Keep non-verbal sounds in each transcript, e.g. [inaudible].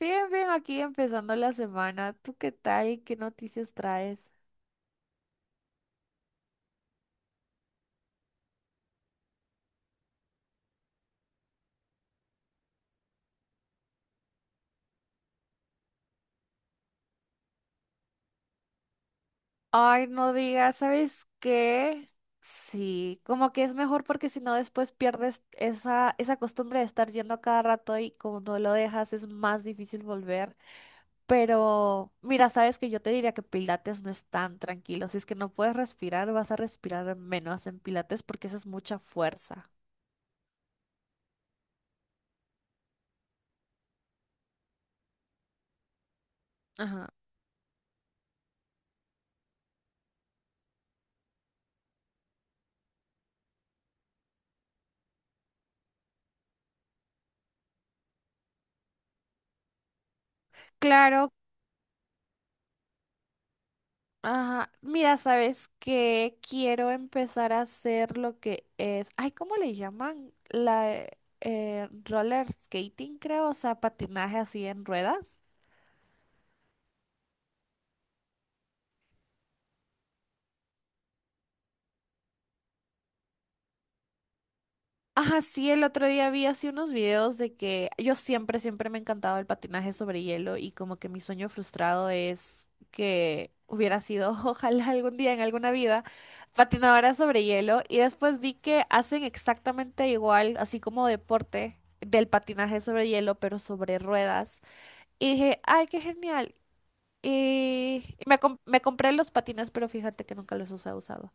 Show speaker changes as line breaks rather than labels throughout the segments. Bien, bien, aquí empezando la semana. ¿Tú qué tal? ¿Qué noticias traes? Ay, no digas, ¿sabes qué? Sí, como que es mejor porque si no después pierdes esa costumbre de estar yendo a cada rato y como no lo dejas es más difícil volver. Pero mira, sabes que yo te diría que Pilates no es tan tranquilo. Si es que no puedes respirar, vas a respirar menos en Pilates porque esa es mucha fuerza. Ajá. Claro. Ajá, mira, sabes que quiero empezar a hacer lo que es, ay, ¿cómo le llaman? La Roller skating, creo, o sea, patinaje así en ruedas. Ajá, sí, el otro día vi así unos videos de que yo siempre, siempre me encantaba el patinaje sobre hielo y como que mi sueño frustrado es que hubiera sido, [laughs] ojalá algún día en alguna vida, patinadora sobre hielo, y después vi que hacen exactamente igual, así como deporte del patinaje sobre hielo, pero sobre ruedas. Y dije, ay, qué genial. Y me compré los patines, pero fíjate que nunca los he usado.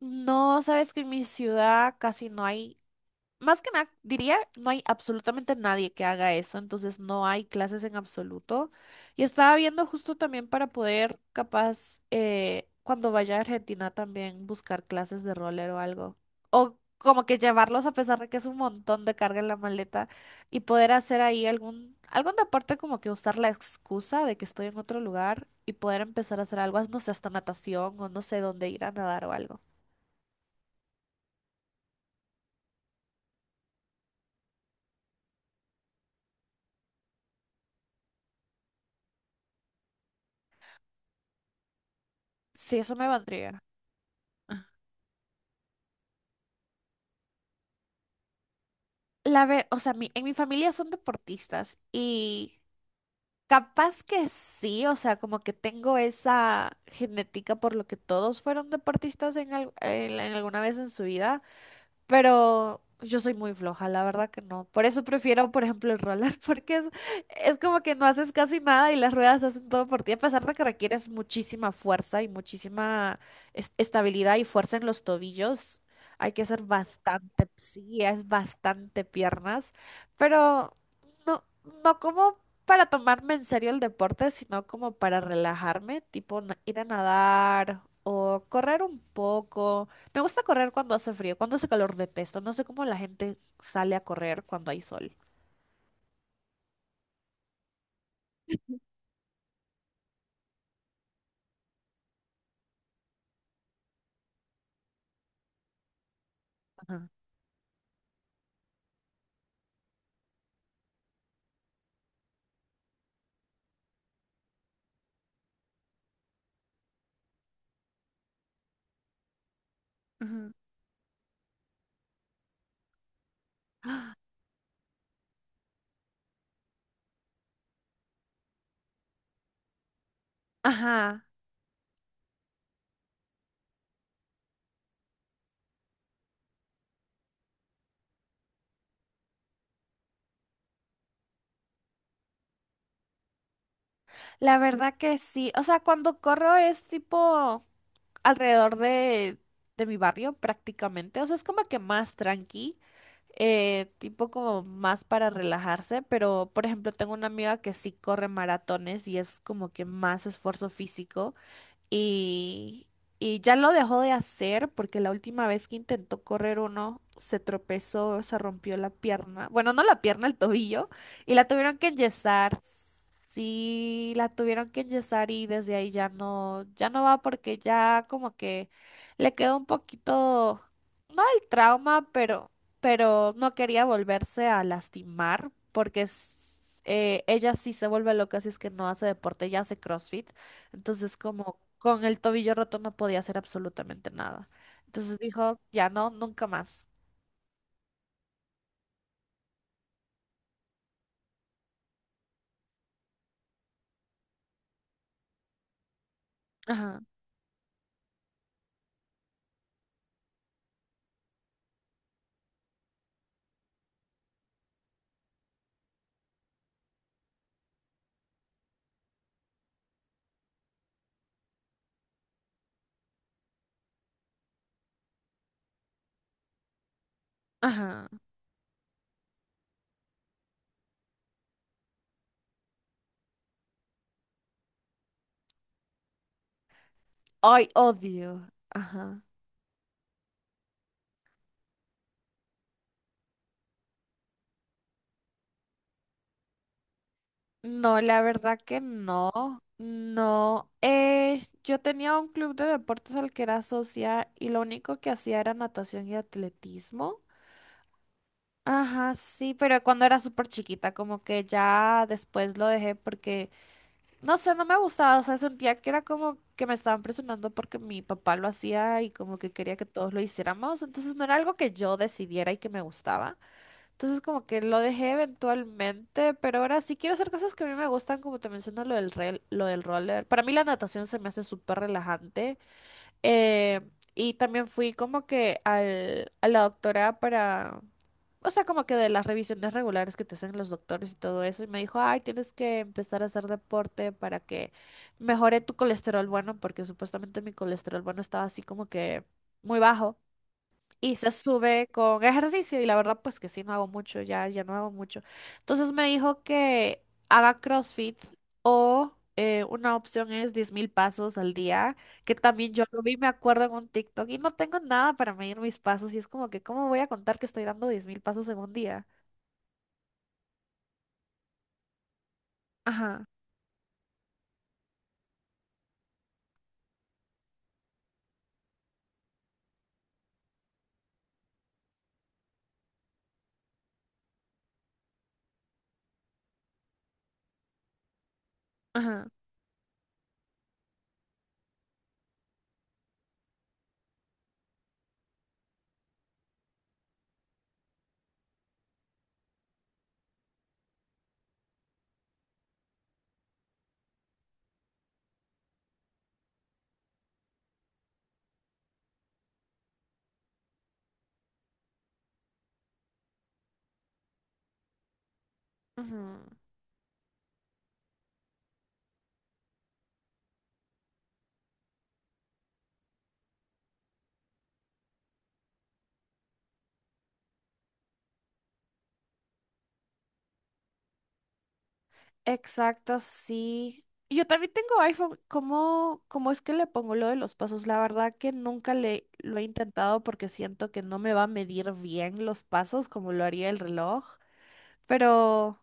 No, sabes que en mi ciudad casi no hay. Más que nada, diría, no hay absolutamente nadie que haga eso, entonces no hay clases en absoluto. Y estaba viendo justo también para poder, capaz, cuando vaya a Argentina, también buscar clases de roller o algo. O como que llevarlos, a pesar de que es un montón de carga en la maleta, y poder hacer ahí algún deporte, como que usar la excusa de que estoy en otro lugar y poder empezar a hacer algo, no sé, hasta natación o no sé dónde ir a nadar o algo. Sí, eso me vendría. O sea, en mi familia son deportistas, y capaz que sí, o sea, como que tengo esa genética por lo que todos fueron deportistas en alguna vez en su vida. Pero yo soy muy floja, la verdad que no. Por eso prefiero, por ejemplo, el roller, [laughs] porque es como que no haces casi nada y las ruedas hacen todo por ti, a pesar de que requieres muchísima fuerza y muchísima estabilidad y fuerza en los tobillos. Hay que hacer bastante, sí, es bastante piernas, pero no, no como para tomarme en serio el deporte, sino como para relajarme, tipo ir a nadar o correr un poco. Me gusta correr cuando hace frío, cuando hace calor detesto. No sé cómo la gente sale a correr cuando hay sol. Ajá. Ujú. Ajá, la verdad que sí. O sea, cuando corro es tipo alrededor de mi barrio prácticamente. O sea, es como que más tranqui, tipo como más para relajarse. Pero, por ejemplo, tengo una amiga que sí corre maratones y es como que más esfuerzo físico. y, y ya lo dejó de hacer porque la última vez que intentó correr uno se tropezó, se rompió la pierna, bueno, no la pierna, el tobillo, y la tuvieron que enyesar. Sí, la tuvieron que enyesar, y desde ahí ya no, ya no va porque ya como que le quedó un poquito, no el trauma, pero no quería volverse a lastimar porque ella sí se vuelve loca si es que no hace deporte, ya hace CrossFit. Entonces, como con el tobillo roto no podía hacer absolutamente nada. Entonces dijo, ya no, nunca más. Ajá, ajá. Ay, odio. Ajá. No, la verdad que no. No. Yo tenía un club de deportes al que era socia y lo único que hacía era natación y atletismo. Ajá, sí, pero cuando era súper chiquita, como que ya después lo dejé porque no sé, no me gustaba, o sea, sentía que era como que me estaban presionando porque mi papá lo hacía y como que quería que todos lo hiciéramos, entonces no era algo que yo decidiera y que me gustaba. Entonces como que lo dejé eventualmente, pero ahora sí quiero hacer cosas que a mí me gustan, como te menciono lo del roller. Para mí la natación se me hace súper relajante. Eh, y también fui como que a la doctora para, o sea, como que de las revisiones regulares que te hacen los doctores y todo eso. Y me dijo, ay, tienes que empezar a hacer deporte para que mejore tu colesterol bueno, porque supuestamente mi colesterol bueno estaba así como que muy bajo, y se sube con ejercicio, y la verdad pues que sí, no hago mucho, ya, ya no hago mucho. Entonces me dijo que haga CrossFit o una opción es 10.000 pasos al día, que también yo lo vi, me acuerdo, en un TikTok, y no tengo nada para medir mis pasos y es como que, ¿cómo voy a contar que estoy dando 10.000 pasos en un día? Ajá, ajá. Ujú. Exacto, sí. Yo también tengo iPhone. ¿Cómo, cómo es que le pongo lo de los pasos? La verdad que nunca le lo he intentado porque siento que no me va a medir bien los pasos como lo haría el reloj. Pero,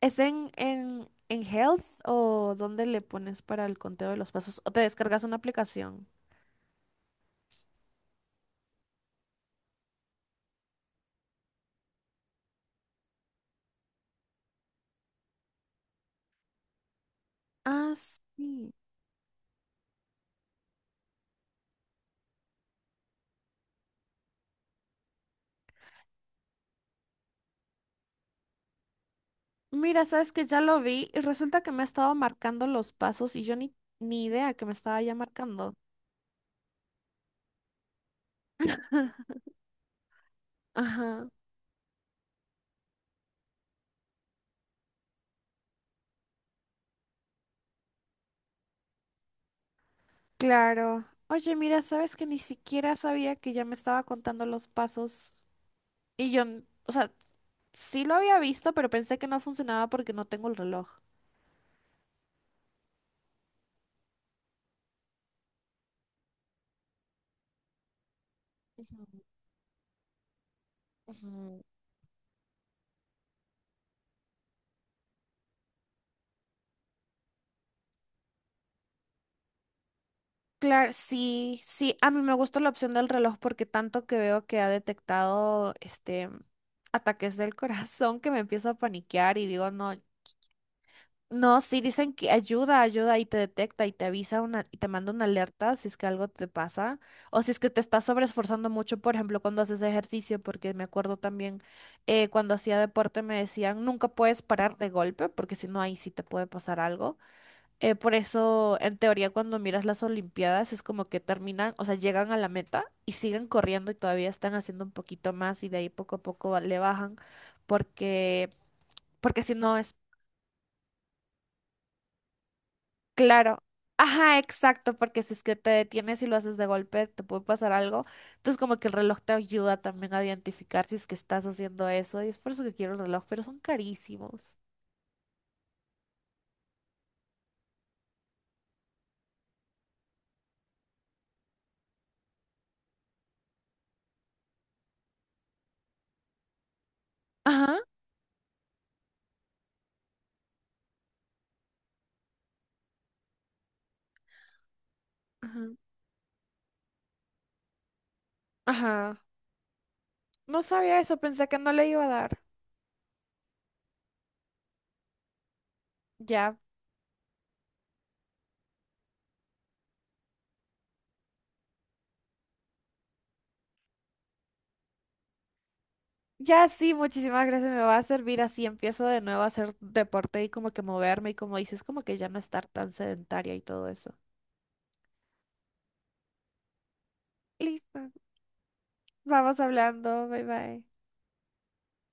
¿es en Health o dónde le pones para el conteo de los pasos? ¿O te descargas una aplicación? Ah, sí. Mira, sabes que ya lo vi y resulta que me ha estado marcando los pasos y yo ni idea que me estaba ya marcando. Ajá. Claro. Oye, mira, sabes que ni siquiera sabía que ya me estaba contando los pasos. Y yo, o sea, sí lo había visto, pero pensé que no funcionaba porque no tengo el reloj. Ujú, ujú. Claro, sí, sí, a mí me gusta la opción del reloj porque tanto que veo que ha detectado este ataques del [laughs] corazón que me empiezo a paniquear y digo, no. No, sí dicen que ayuda, ayuda y te detecta y te avisa y te manda una alerta si es que algo te pasa o si es que te estás sobreesforzando mucho, por ejemplo, cuando haces ejercicio, porque me acuerdo también, cuando hacía deporte me decían, nunca puedes parar de golpe porque si no ahí sí te puede pasar algo. Por eso, en teoría, cuando miras las Olimpiadas es como que terminan, o sea, llegan a la meta y siguen corriendo y todavía están haciendo un poquito más y de ahí poco a poco le bajan porque... Porque si no... Claro. Ajá, exacto, porque si es que te detienes y lo haces de golpe, te puede pasar algo. Entonces, como que el reloj te ayuda también a identificar si es que estás haciendo eso. Y es por eso que quiero el reloj, pero son carísimos. Ajá, ajá, ajá. No sabía eso, pensé que no le iba a dar. Ya, ya sí, muchísimas gracias, me va a servir así. Empiezo de nuevo a hacer deporte y como que moverme y como dices, como que ya no estar tan sedentaria y todo eso. Listo, vamos hablando, bye bye.